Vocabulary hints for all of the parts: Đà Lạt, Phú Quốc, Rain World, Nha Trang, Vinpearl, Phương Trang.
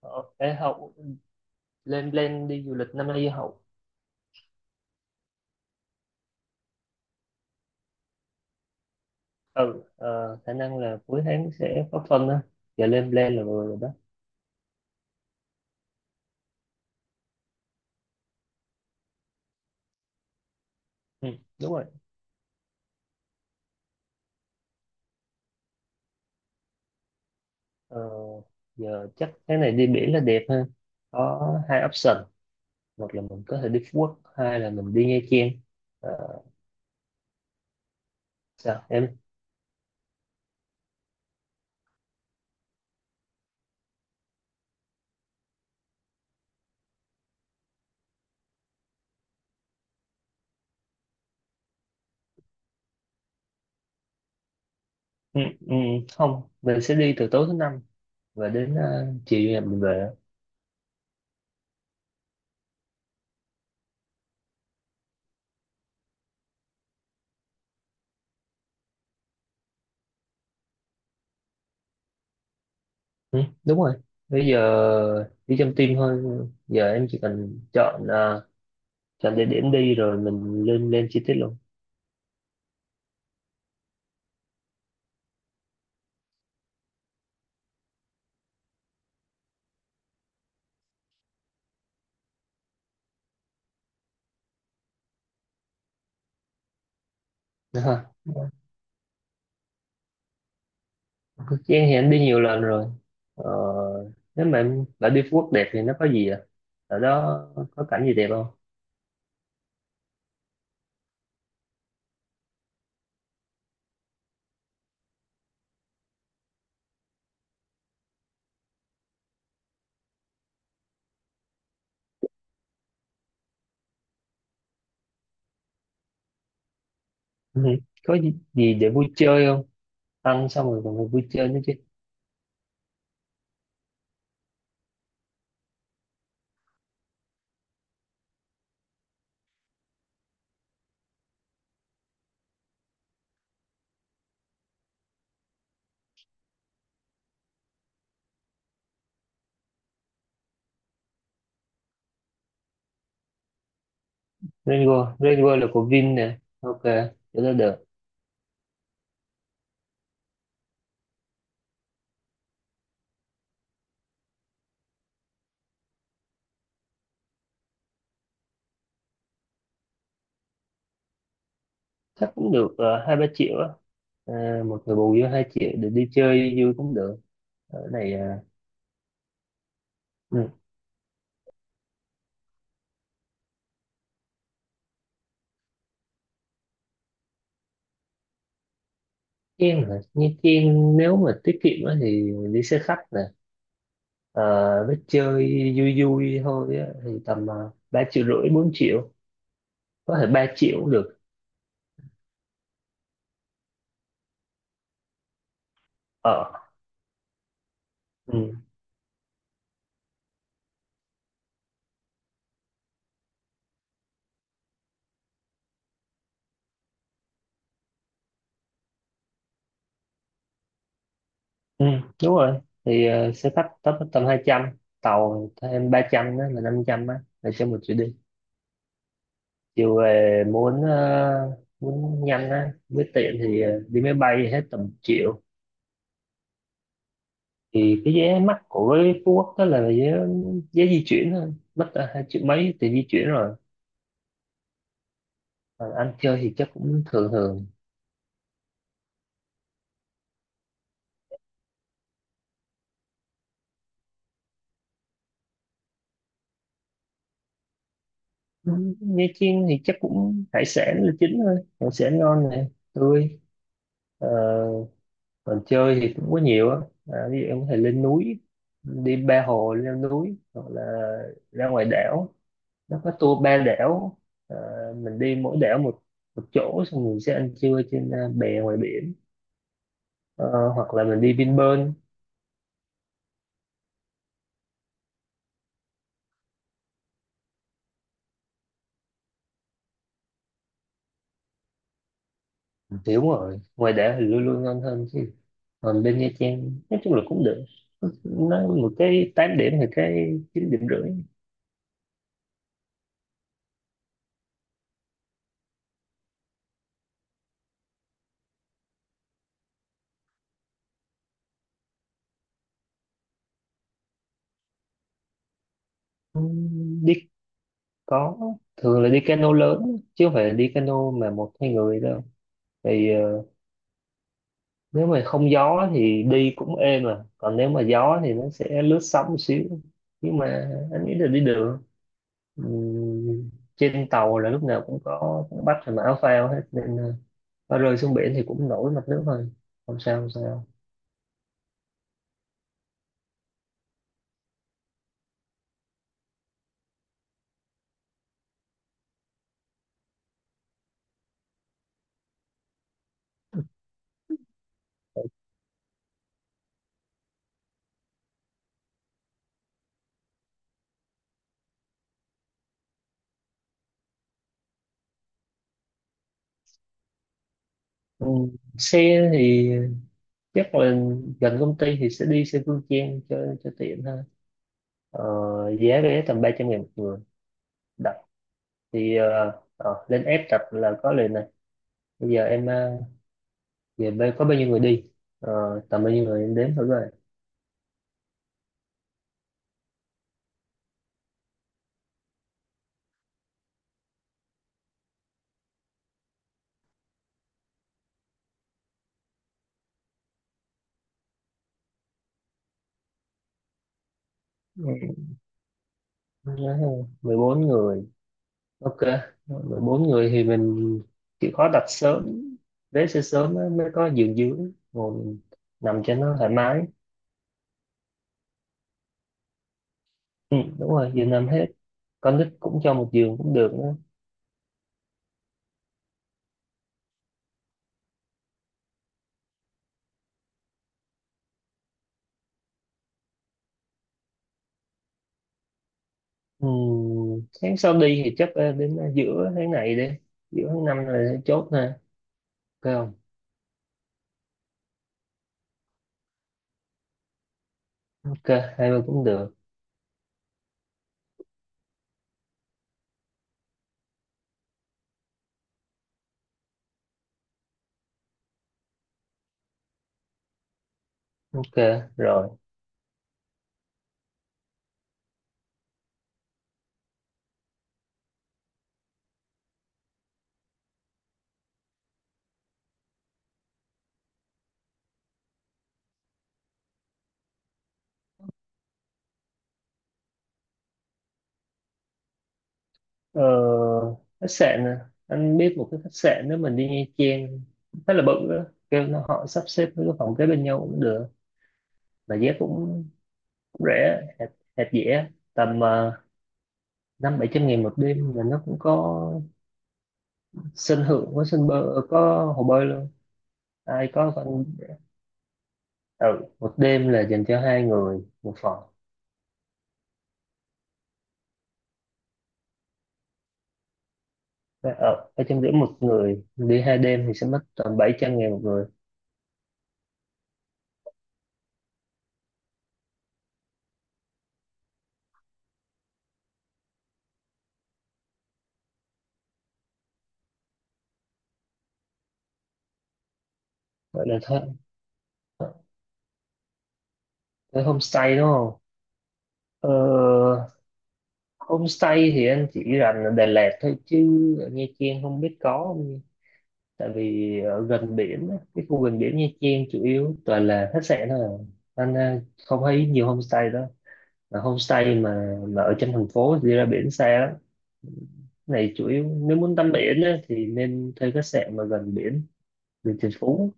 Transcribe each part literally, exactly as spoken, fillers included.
Ờ, Để học lên plan đi du lịch năm nay học ừ ờ, khả năng là cuối tháng sẽ có phân á. Giờ lên plan là vừa rồi đó. Ừ, đúng rồi. ờ, Giờ chắc cái này đi biển là đẹp hơn, có hai option: một là mình có thể đi Phú Quốc, hai là mình đi Nha Trang. Ờ, Sao em? Ừ, ừ, không, mình sẽ đi từ tối thứ năm và đến ờ, chiều ngày mình về. Ừ, đúng rồi, bây giờ đi trong team thôi. Giờ em chỉ cần chọn ờ, chọn địa điểm đi rồi mình lên lên chi tiết luôn. Ha Giang, thì anh đi nhiều lần rồi. ờ, Nếu mà em bảo đi Phú Quốc đẹp thì nó có gì à, ở đó có cảnh gì đẹp không? Ừ, có gì, gì để vui chơi không? Ăn xong rồi còn phải vui chơi nữa chứ. Rain World, Rain World là của Vin nè, ok, chỗ đó được. Chắc cũng được ờ, hai ba triệu á. Ờ, một người bù vô hai triệu để đi chơi vui cũng được. Ở này uh, Nha Trang hả? Nha Trang nếu mà tiết kiệm á thì đi xe khách. Ờ, Biết chơi vui vui thôi á, thì tầm uh, ba triệu rưỡi bốn triệu, có thể ba triệu cũng được. Ở ừ. Ừ, đúng rồi, thì ờ, xe khách tấp tầm hai trăm, tàu thêm ba trăm, đó là năm trăm á là cho một chuyến đi. Chiều về muốn ờ, muốn nhanh á với tiện thì ờ, đi máy bay hết tầm một triệu. Thì cái vé mắc của Phú Quốc đó là vé, vé di chuyển thôi mất ờ, hai triệu mấy tiền di chuyển rồi. Còn ăn chơi thì chắc cũng thường thường. Ừ, Nha Chiên thì chắc cũng hải sản là chính thôi, hải sản ngon này, tươi. Ờ, còn chơi thì cũng có nhiều á. À, ví dụ em có thể lên núi đi ba hồ leo núi, hoặc là ra ngoài đảo, nó có tour ba đảo. Ờ, mình đi mỗi đảo một một chỗ, xong mình sẽ ăn trưa trên à, bè ngoài biển. Ờ, hoặc là mình đi Vinpearl. Thì đúng rồi, ngoài đảo thì luôn luôn ngon hơn chứ. Còn bên Nha Trang nói chung là cũng được, nó một cái tám điểm thì cái chín điểm rưỡi. Ừ, đi, có, thường là đi cano lớn chứ không phải là đi cano mà một hai người đâu. Thì ờ, nếu mà không gió thì đi cũng êm mà, còn nếu mà gió thì nó sẽ lướt sóng một xíu, nhưng mà anh nghĩ là đi được. Ừm, trên tàu là lúc nào cũng có bách và mã phao hết nên ờ, có rơi xuống biển thì cũng nổi mặt nước thôi, không sao không sao. Ừm, xe thì chắc là gần công ty thì sẽ đi xe Phương Trang cho cho tiện thôi. Ờ, giá vé tầm ba trăm ngàn một người, thì ờ, ờ, lên app tập là có liền này. Bây giờ em ờ, về bên có bao nhiêu người đi. Ờ, tầm bao nhiêu người em đếm thử rồi. Ừ, nhớ không? mười bốn người, ok. mười bốn người thì mình chịu khó đặt sớm, vé sẽ sớm á, mới có giường dưỡng ngồi mình nằm cho nó thoải mái. Ừ, đúng rồi, giường nằm hết, con nít cũng cho một giường cũng được nữa. Ừ, tháng sau đi thì chắc ờ, đến giữa tháng này đi, giữa tháng năm rồi sẽ chốt ha. Ok không, ok, hai bên cũng được, ok rồi. Ờ, khách sạn à, anh biết một cái khách sạn nếu mình đi Nha Trang, khá là bự đó, kêu nó họ sắp xếp với cái phòng kế bên nhau cũng được, mà giá cũng cũng rẻ hẹp, hẹp dễ, tầm ờ, năm bảy trăm nghìn một đêm, mà nó cũng có sân thượng, có sân bơi, có hồ bơi luôn. Ai có con, ừ, một đêm là dành cho hai người một phòng. Ở ừ, bảy trăm rưỡi một người đi hai đêm thì sẽ mất tầm bảy trăm nghìn một người. Vậy là thôi tới homestay đúng không? Ờ, homestay thì anh chỉ rành ở Đà Lạt thôi, chứ ở Nha Trang không biết có không nha. Tại vì ở gần biển, á, cái khu gần biển Nha Trang chủ yếu toàn là khách sạn thôi à. Anh ờ, không thấy nhiều homestay đó. Mà homestay mà mà ở trong thành phố thì đi ra biển xa lắm. Cái này chủ yếu nếu muốn tắm biển á, thì nên thuê khách sạn mà gần biển, đường thành phố.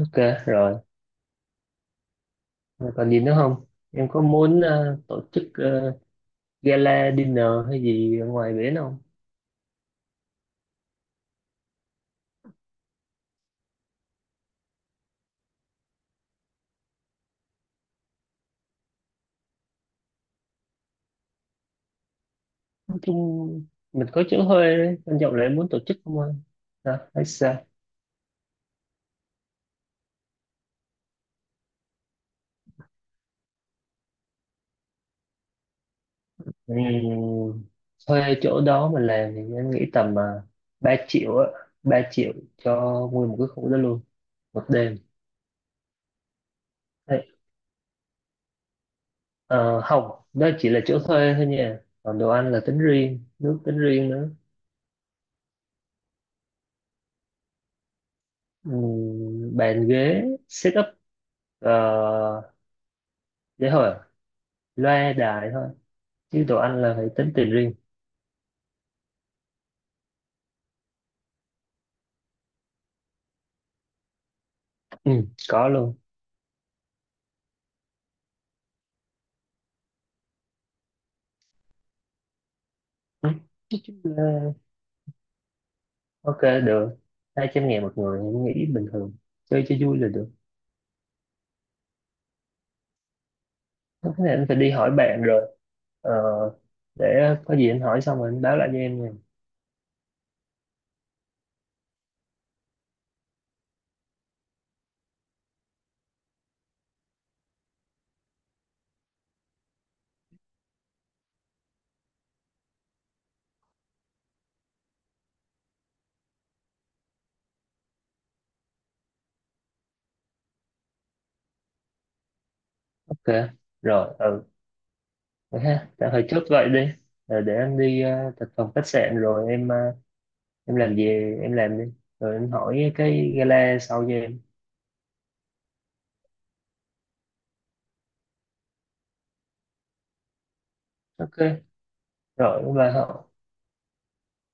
Ok rồi, còn gì nữa không? Em có muốn ờ, tổ chức ờ, gala dinner hay gì ở ngoài biển không? Chung mình có chỗ thuê đấy. Anh Trọng lại muốn tổ chức không anh? Hả? Hay sao? Ừ, thuê chỗ đó mà làm thì anh nghĩ tầm uh, ba triệu á, ba triệu cho nguyên một cái khu đó luôn, một đêm. Đấy. Ờ, không, đó chỉ là chỗ thuê thôi nha, còn đồ ăn là tính riêng, nước tính riêng nữa. Ừ, bàn ghế setup, uh, để thôi, loa đài thôi, chứ đồ ăn là phải tính tiền riêng. Ừ, có luôn, ok được. hai trăm ngàn một người em nghĩ bình thường, chơi cho vui là được. Cái này anh phải đi hỏi bạn rồi, ờ, để có gì anh hỏi xong rồi anh báo lại cho em nha. Ok rồi, ừ, vậy ha, tạm thời chốt vậy đi. Rồi để anh đi uh, thực phòng khách sạn, rồi em ờ, em làm gì em làm đi, rồi anh hỏi cái gala sau cho em. Ok rồi và